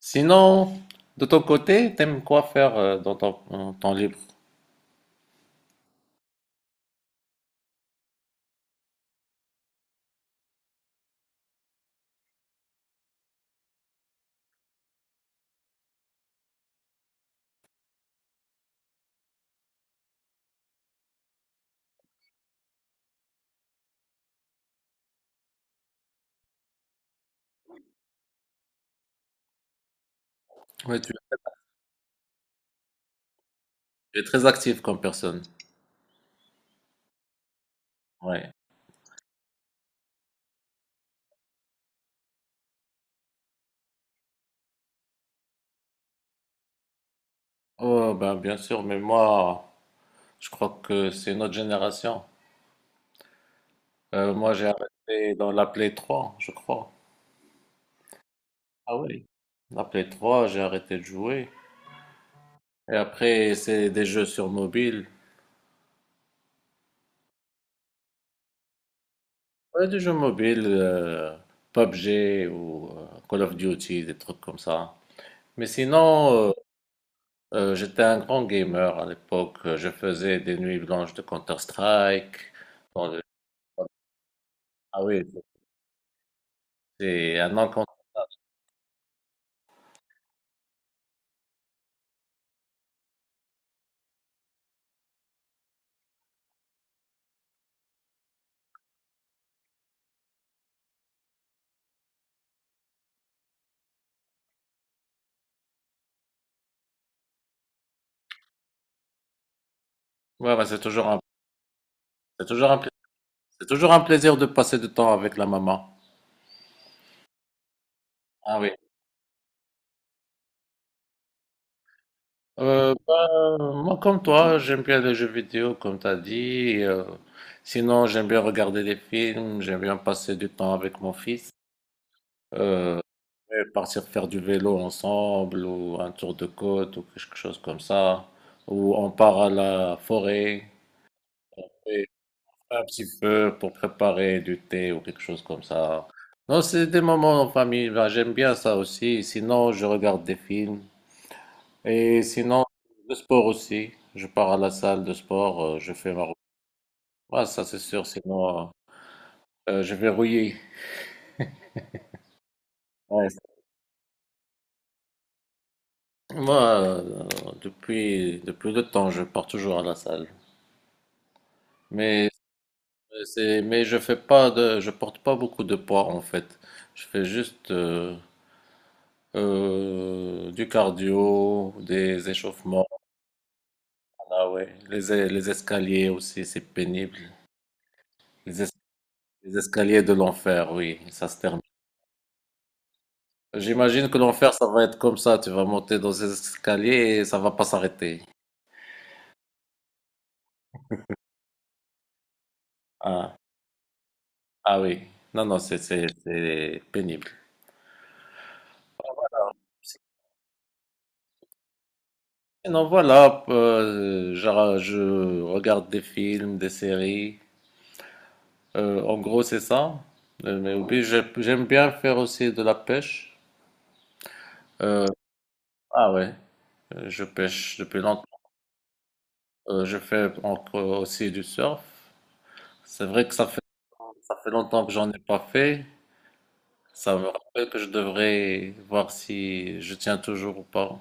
Sinon, de ton côté, t'aimes quoi faire dans ton en temps libre? Ouais, tu es très actif comme personne. Ouais. Oh, ben, bien sûr, mais moi, je crois que c'est une autre génération. Moi, j'ai arrêté dans la Play 3, je crois. Ah oui. La Play 3, j'ai arrêté de jouer. Et après, c'est des jeux sur mobile. Ouais, des jeux mobiles, PUBG ou Call of Duty, des trucs comme ça. Mais sinon, j'étais un grand gamer à l'époque. Je faisais des nuits blanches de Counter-Strike. Bon, Ah oui, c'est un encant- Ouais, ouais, c'est toujours un... pla- c'est toujours un plaisir de passer du temps avec la maman. Ah oui. Bah, moi, comme toi, j'aime bien les jeux vidéo, comme tu as dit. Sinon, j'aime bien regarder des films. J'aime bien passer du temps avec mon fils. Euh, Et partir faire du vélo ensemble ou un tour de côte ou quelque chose comme ça. Ou on part à la forêt et un petit peu pour préparer du thé ou quelque chose comme ça. Non, c'est des moments en famille. Ben, j'aime bien ça aussi. Sinon, je regarde des films. Et sinon, le sport aussi. Je pars à la salle de sport, je fais ma routine. Ouais, ça c'est sûr, sinon je vais rouiller. Ouais. Moi, depuis le temps, je pars toujours à la salle. Mais Mais je fais pas de, je porte pas beaucoup de poids en fait. Je fais juste du cardio, des échauffements, ah ouais. Les escaliers aussi, c'est pénible. Les, es- les escaliers de l'enfer, oui, ça se termine. J'imagine que l'enfer, ça va être comme ça. Tu vas monter dans ces escaliers et ça va pas s'arrêter. Ah, ah oui. Non, non, c'est pénible. Non voilà, je regarde des films, des séries. En gros, c'est ça. Mais oui, j'aime bien faire aussi de la pêche. Euh, ah ouais, je pêche depuis longtemps. Je fais encore aussi du surf. C'est vrai que ça fait longtemps que j'en ai pas fait. Ça me rappelle que je devrais voir si je tiens toujours ou pas.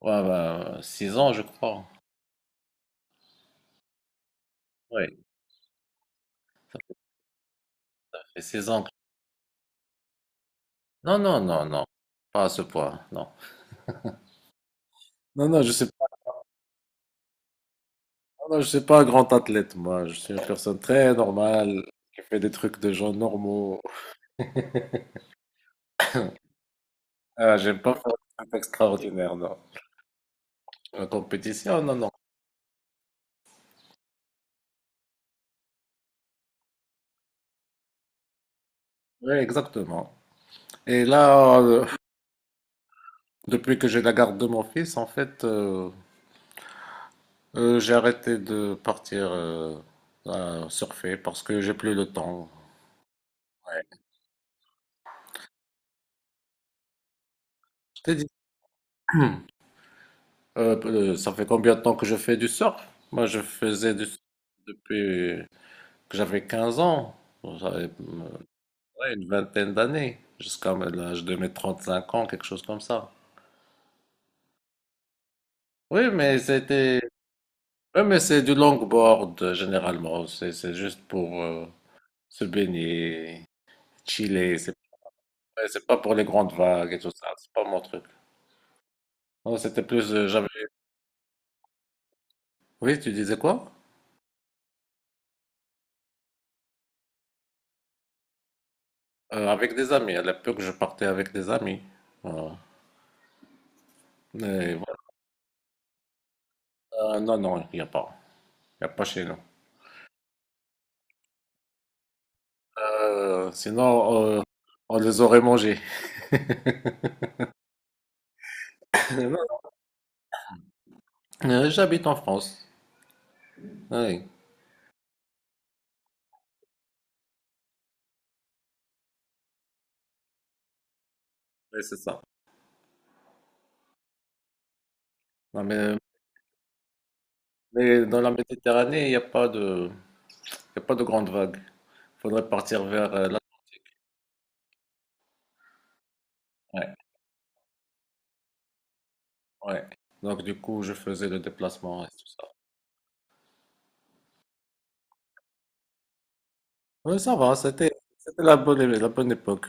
Ouais, bah, 6 ans, je crois. Oui, ça fait six ans. Non, non, non, non. Pas à ce point, non. Non, non, je sais pas, non, je suis pas un grand athlète, moi. Je suis une personne très normale qui fait des trucs de gens normaux. Ah, j'ai pas fait un truc extraordinaire, non. La compétition, non, non. Oui, exactement. Et là, depuis que j'ai la garde de mon fils, en fait, j'ai arrêté de partir à surfer parce que j'ai plus le temps. Ouais. Je t'ai dit, ça fait combien de temps que je fais du surf? Moi, je faisais du surf depuis que j'avais 15 ans. J'avais, ouais, une vingtaine d'années, jusqu'à l'âge de mes 35 ans, quelque chose comme ça. Oui, mais c'était Ouais, mais c'est du longboard généralement. C'est juste pour se baigner, chiller. C'est pas pour les grandes vagues et tout ça. C'est pas mon truc. Non, c'était plus. J'avais. Oui, tu disais quoi? Avec des amis. À l'époque, je partais avec des amis. Voilà. Mais voilà, non, non, il n'y a pas. Il n'y a pas chez nous. Euh, sinon, euh, on les aurait mangés. Non, j'habite en France. Oui, oui, c'est ça. Non, mais dans la Méditerranée, il y a pas de grandes vagues. Faudrait partir vers là. Ouais, ouais. Donc du coup, je faisais le déplacement et tout ça. Ouais, ça va, c'était la la bonne époque.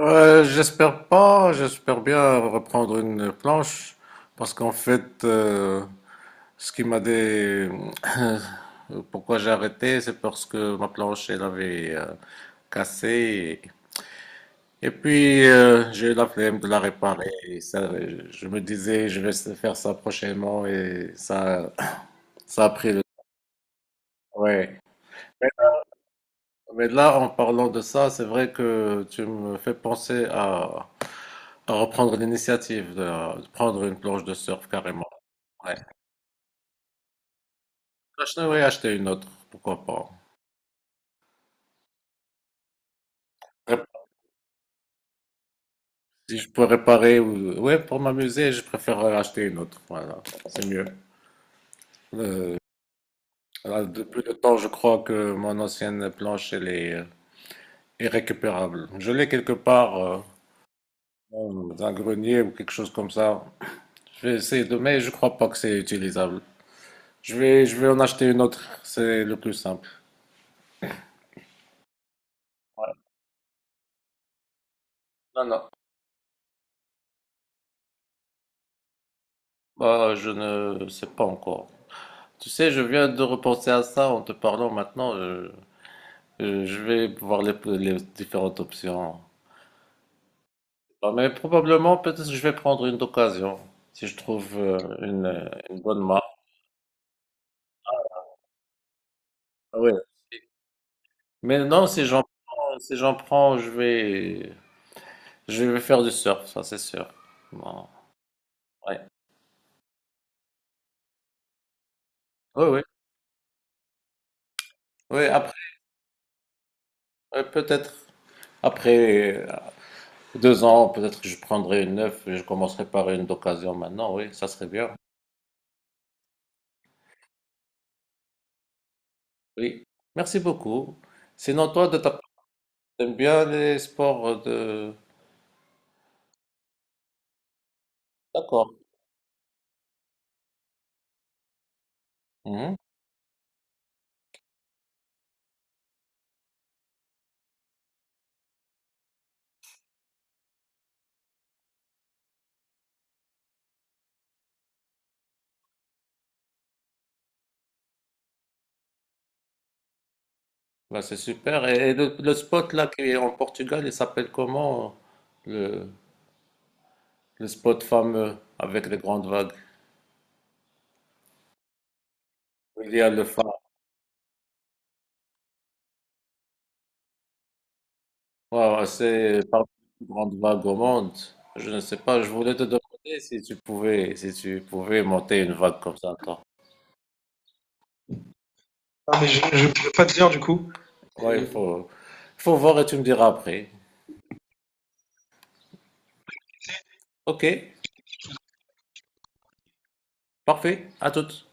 J'espère pas, j'espère bien reprendre une planche parce qu'en fait, ce qui m'a dé... pourquoi j'ai arrêté, c'est parce que ma planche elle avait cassé et puis j'ai eu la flemme de la réparer. Et ça, je me disais, je vais faire ça prochainement et ça, ça a pris le Ouais. Mais mais là, en parlant de ça, c'est vrai que tu me fais penser à reprendre l'initiative de prendre une planche de surf carrément. Ouais. Je devrais acheter une autre, pourquoi pas. Rép- Si je peux réparer ou ouais, pour m'amuser, je préfère acheter une autre. Voilà, c'est mieux. Euh, là, depuis le temps, je crois que mon ancienne planche, elle est irrécupérable. Je l'ai quelque part dans un grenier ou quelque chose comme ça. Je vais essayer de, mais je crois pas que c'est utilisable. Je vais en acheter une autre, c'est le plus simple. Non, non, bah, je ne sais pas encore. Tu sais, je viens de repenser à ça en te parlant maintenant. Je vais voir les différentes options. Bah, mais probablement, peut-être que je vais prendre une d'occasion, si je trouve une bonne marque. Ah ouais. Mais non, si j'en prends, je vais faire du surf, ça c'est sûr. Bon, ouais. Oui, oui. Oui, après, ouais, peut-être. Après, 2 ans, peut-être que je prendrai une neuf et je commencerai par une d'occasion maintenant, oui, ça serait bien. Oui, merci beaucoup. Sinon, toi, de ta part, t'aimes bien les sports de... D'accord. Mhm. Bah, c'est super. Et le spot là qui est en Portugal, il s'appelle comment le, le spot fameux avec les grandes vagues? Il y a le phare. Wow, c'est parmi les plus grandes vagues au monde. Je ne sais pas, je voulais te demander si tu pouvais, si tu pouvais monter une vague comme ça, toi. Ah, mais je ne pourrais pas te dire du coup. Ouais, il faut, faut voir et tu me diras après. Ok, parfait, à toutes.